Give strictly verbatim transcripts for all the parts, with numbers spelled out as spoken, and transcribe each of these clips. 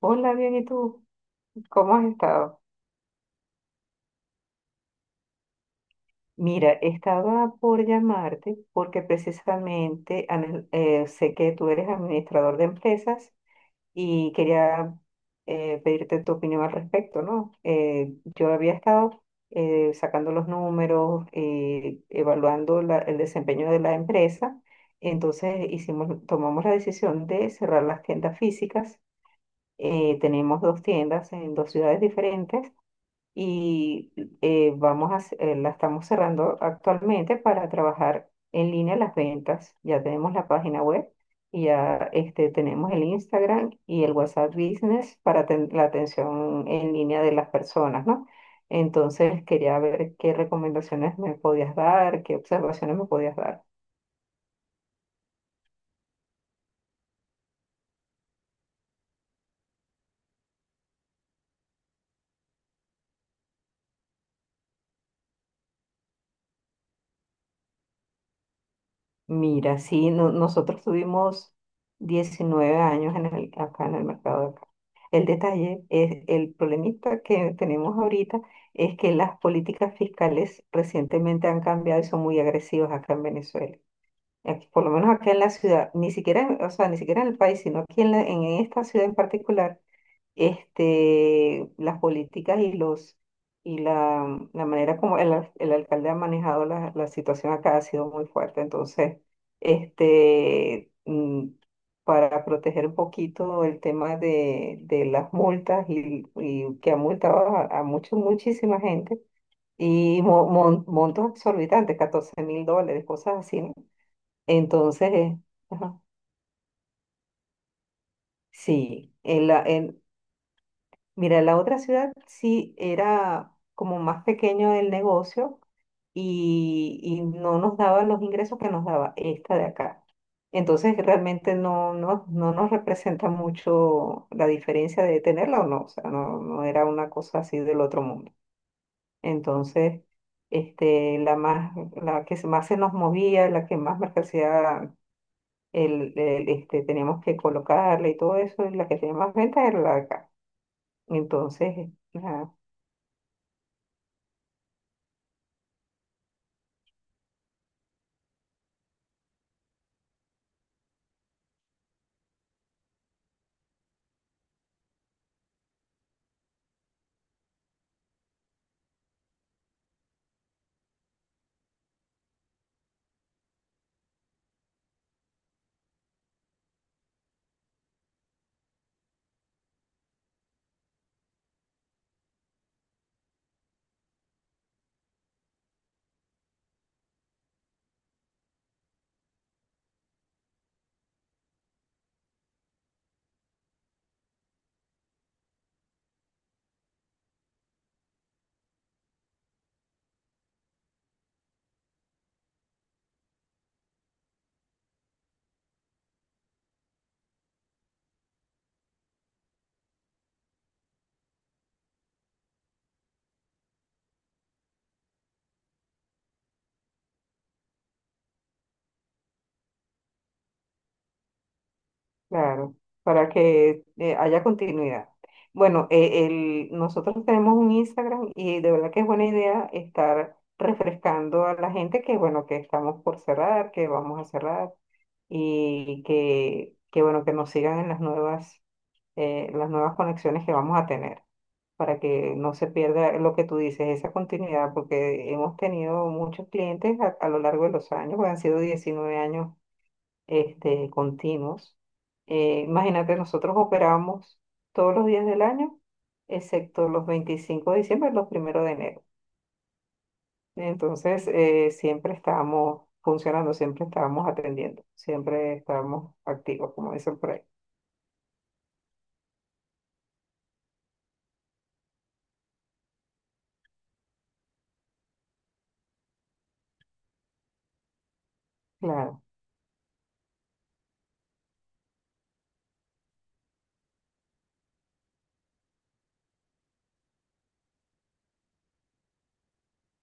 Hola, bien, ¿y tú? ¿Cómo has estado? Mira, estaba por llamarte porque precisamente anel- eh, sé que tú eres administrador de empresas y quería eh, pedirte tu opinión al respecto, ¿no? Eh, yo había estado eh, sacando los números, eh, evaluando la- el desempeño de la empresa. Entonces hicimos, tomamos la decisión de cerrar las tiendas físicas. Eh, tenemos dos tiendas en dos ciudades diferentes y eh, vamos a, ce- eh, la estamos cerrando actualmente para trabajar en línea las ventas. Ya tenemos la página web y ya este, tenemos el Instagram y el WhatsApp Business para aten- la atención en línea de las personas, ¿no? Entonces quería ver qué recomendaciones me podías dar, qué observaciones me podías dar. Mira, sí, no- nosotros tuvimos diecinueve años en el, acá en el mercado. El detalle es el problemita que tenemos ahorita es que las políticas fiscales recientemente han cambiado y son muy agresivas acá en Venezuela. Aquí- por lo menos acá en la ciudad, ni siquiera, en- o sea, ni siquiera en el país, sino aquí en, la- en esta ciudad en particular este, las políticas y los y la, la manera como el, al- el alcalde ha manejado la, la situación acá ha sido muy fuerte. Entonces, este, mm, para proteger un poquito el tema de, de las multas y, y que ha multado a, a mucho- muchísima gente. Y mo- mon- montos exorbitantes, catorce mil dólares, cosas así, ¿no? Entonces, eh, ajá, sí, en la, en. Mira, la otra ciudad sí era como más pequeño el negocio y, y no nos daba los ingresos que nos daba esta de acá. Entonces realmente no, no, no nos representa mucho la diferencia de tenerla o no. O sea, no, no era una cosa así del otro mundo. Entonces, este, la más, la que se- más se nos movía, la que más mercancía el, el, este, teníamos que colocarle y todo eso, y la que tenía más ventas era la de acá. Entonces, ajá. Claro, para que eh, haya continuidad. Bueno, eh, el, nosotros tenemos un Instagram y de verdad que es buena idea estar refrescando a la gente que, bueno, que estamos por cerrar, que vamos a cerrar y que, que bueno, que nos sigan en las nuevas, eh, las nuevas conexiones que vamos a tener para que no se pierda lo que tú dices, esa continuidad, porque hemos tenido muchos clientes a, a lo largo de los años, pues han sido diecinueve años este, continuos. Eh, imagínate, nosotros operamos todos los días del año, excepto los veinticinco de diciembre y los primeros de enero. Entonces, eh, siempre estábamos funcionando, siempre estábamos atendiendo, siempre estábamos activos, como dicen por ahí. Claro,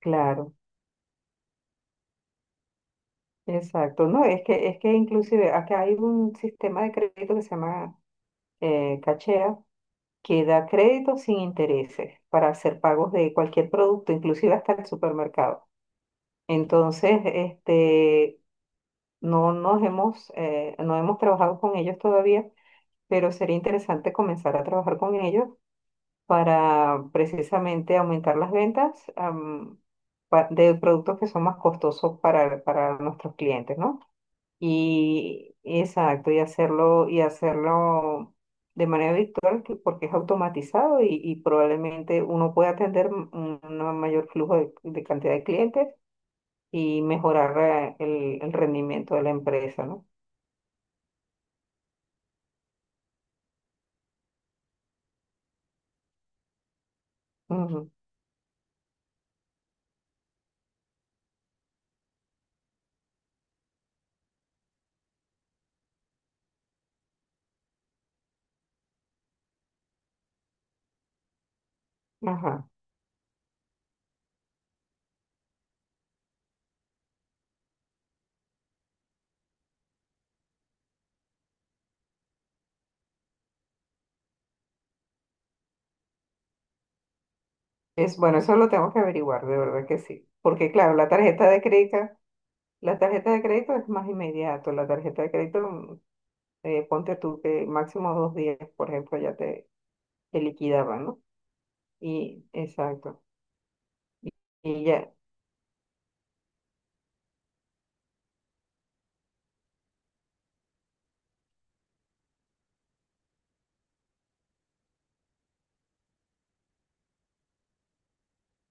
claro, exacto. No, es que, es que inclusive acá hay un sistema de crédito que se llama eh, Cachea, que da crédito sin intereses para hacer pagos de cualquier producto, inclusive hasta el supermercado. Entonces, este, no nos hemos, eh, no hemos trabajado con ellos todavía, pero sería interesante comenzar a trabajar con ellos para precisamente aumentar las ventas, am, pa- de productos que son más costosos para, para nuestros clientes, ¿no? Y exacto, y hacerlo, y hacerlo de manera virtual que- porque es automatizado y, y probablemente uno puede atender un un mayor flujo de de cantidad de clientes y mejorar eh, el, el rendimiento de la empresa, ¿no? Ujú. Ajá. Es bueno, eso lo tengo que averiguar, de verdad que sí. Porque claro, la tarjeta de crédito, la tarjeta de crédito es más inmediato. La tarjeta de crédito, mm, eh, ponte tú que máximo dos días, por ejemplo, ya te, te liquidaban, ¿no? Y exacto. Y ya,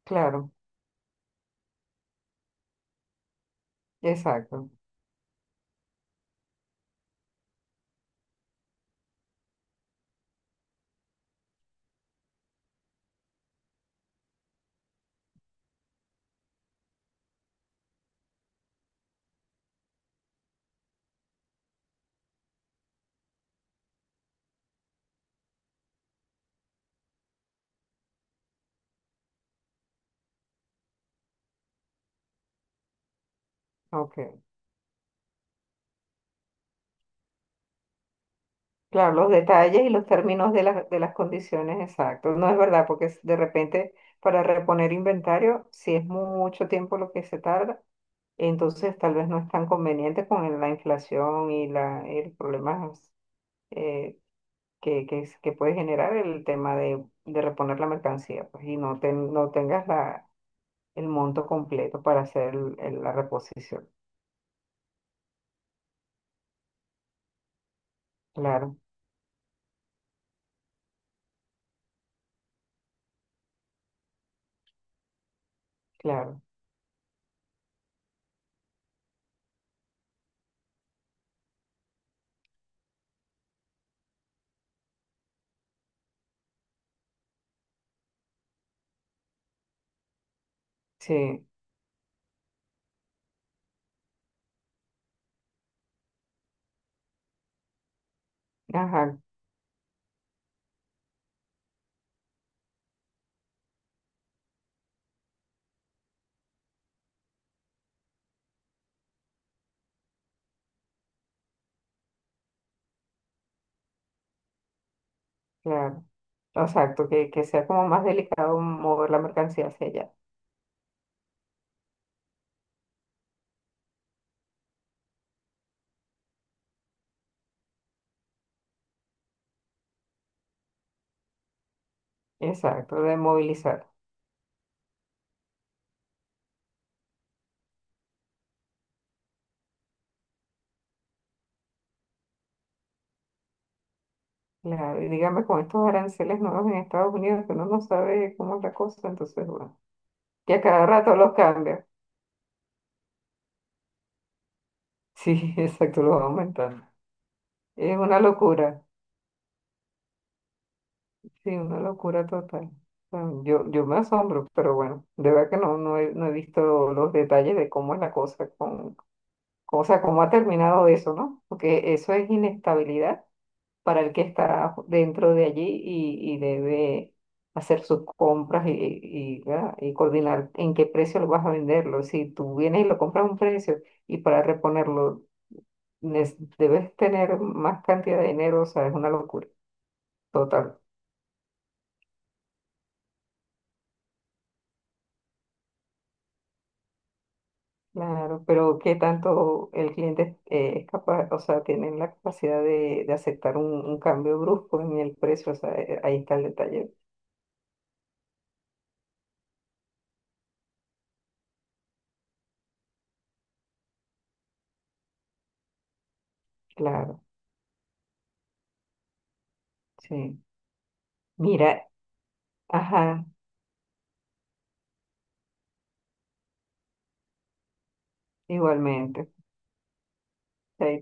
claro, exacto. Ok. Claro, los detalles y los términos de las, de las condiciones exactos. No es verdad, porque es- de repente para reponer inventario, si es mucho tiempo lo que se tarda, entonces tal vez no es tan conveniente con la inflación y la, el problema eh, que, que, es- que puede generar el tema de, de reponer la mercancía, pues, y no, ten- no tengas la, el monto completo para hacer el- el- la reposición. Claro, claro, sí, ajá, claro. Exacto, que, que sea como más delicado mover la mercancía hacia allá. Exacto, de movilizar. Claro, y dígame con estos aranceles nuevos en Estados Unidos que uno no sabe cómo es la cosa, entonces, bueno, que a cada rato los cambia. Sí, exacto, los va aumentando. Es una locura, sí, una locura total. Bueno, Yo, yo me asombro, pero bueno, de verdad que no, no he, no he visto los detalles de cómo es la cosa, con, o sea, cómo ha terminado eso, ¿no? Porque eso es inestabilidad para el que está dentro de allí y, y debe hacer sus compras y, y, ¿verdad? Y coordinar en qué precio lo vas a venderlo. Si tú vienes y lo compras a un precio y para reponerlo nes- debes tener más cantidad de dinero, o sea, es una locura total. Claro, pero ¿qué tanto el cliente eh, es capaz, o sea, tiene la capacidad de, de aceptar un, un cambio brusco en el precio? O sea, eh, ahí está el detalle. Claro, sí. Mira, ajá, igualmente. Chaito.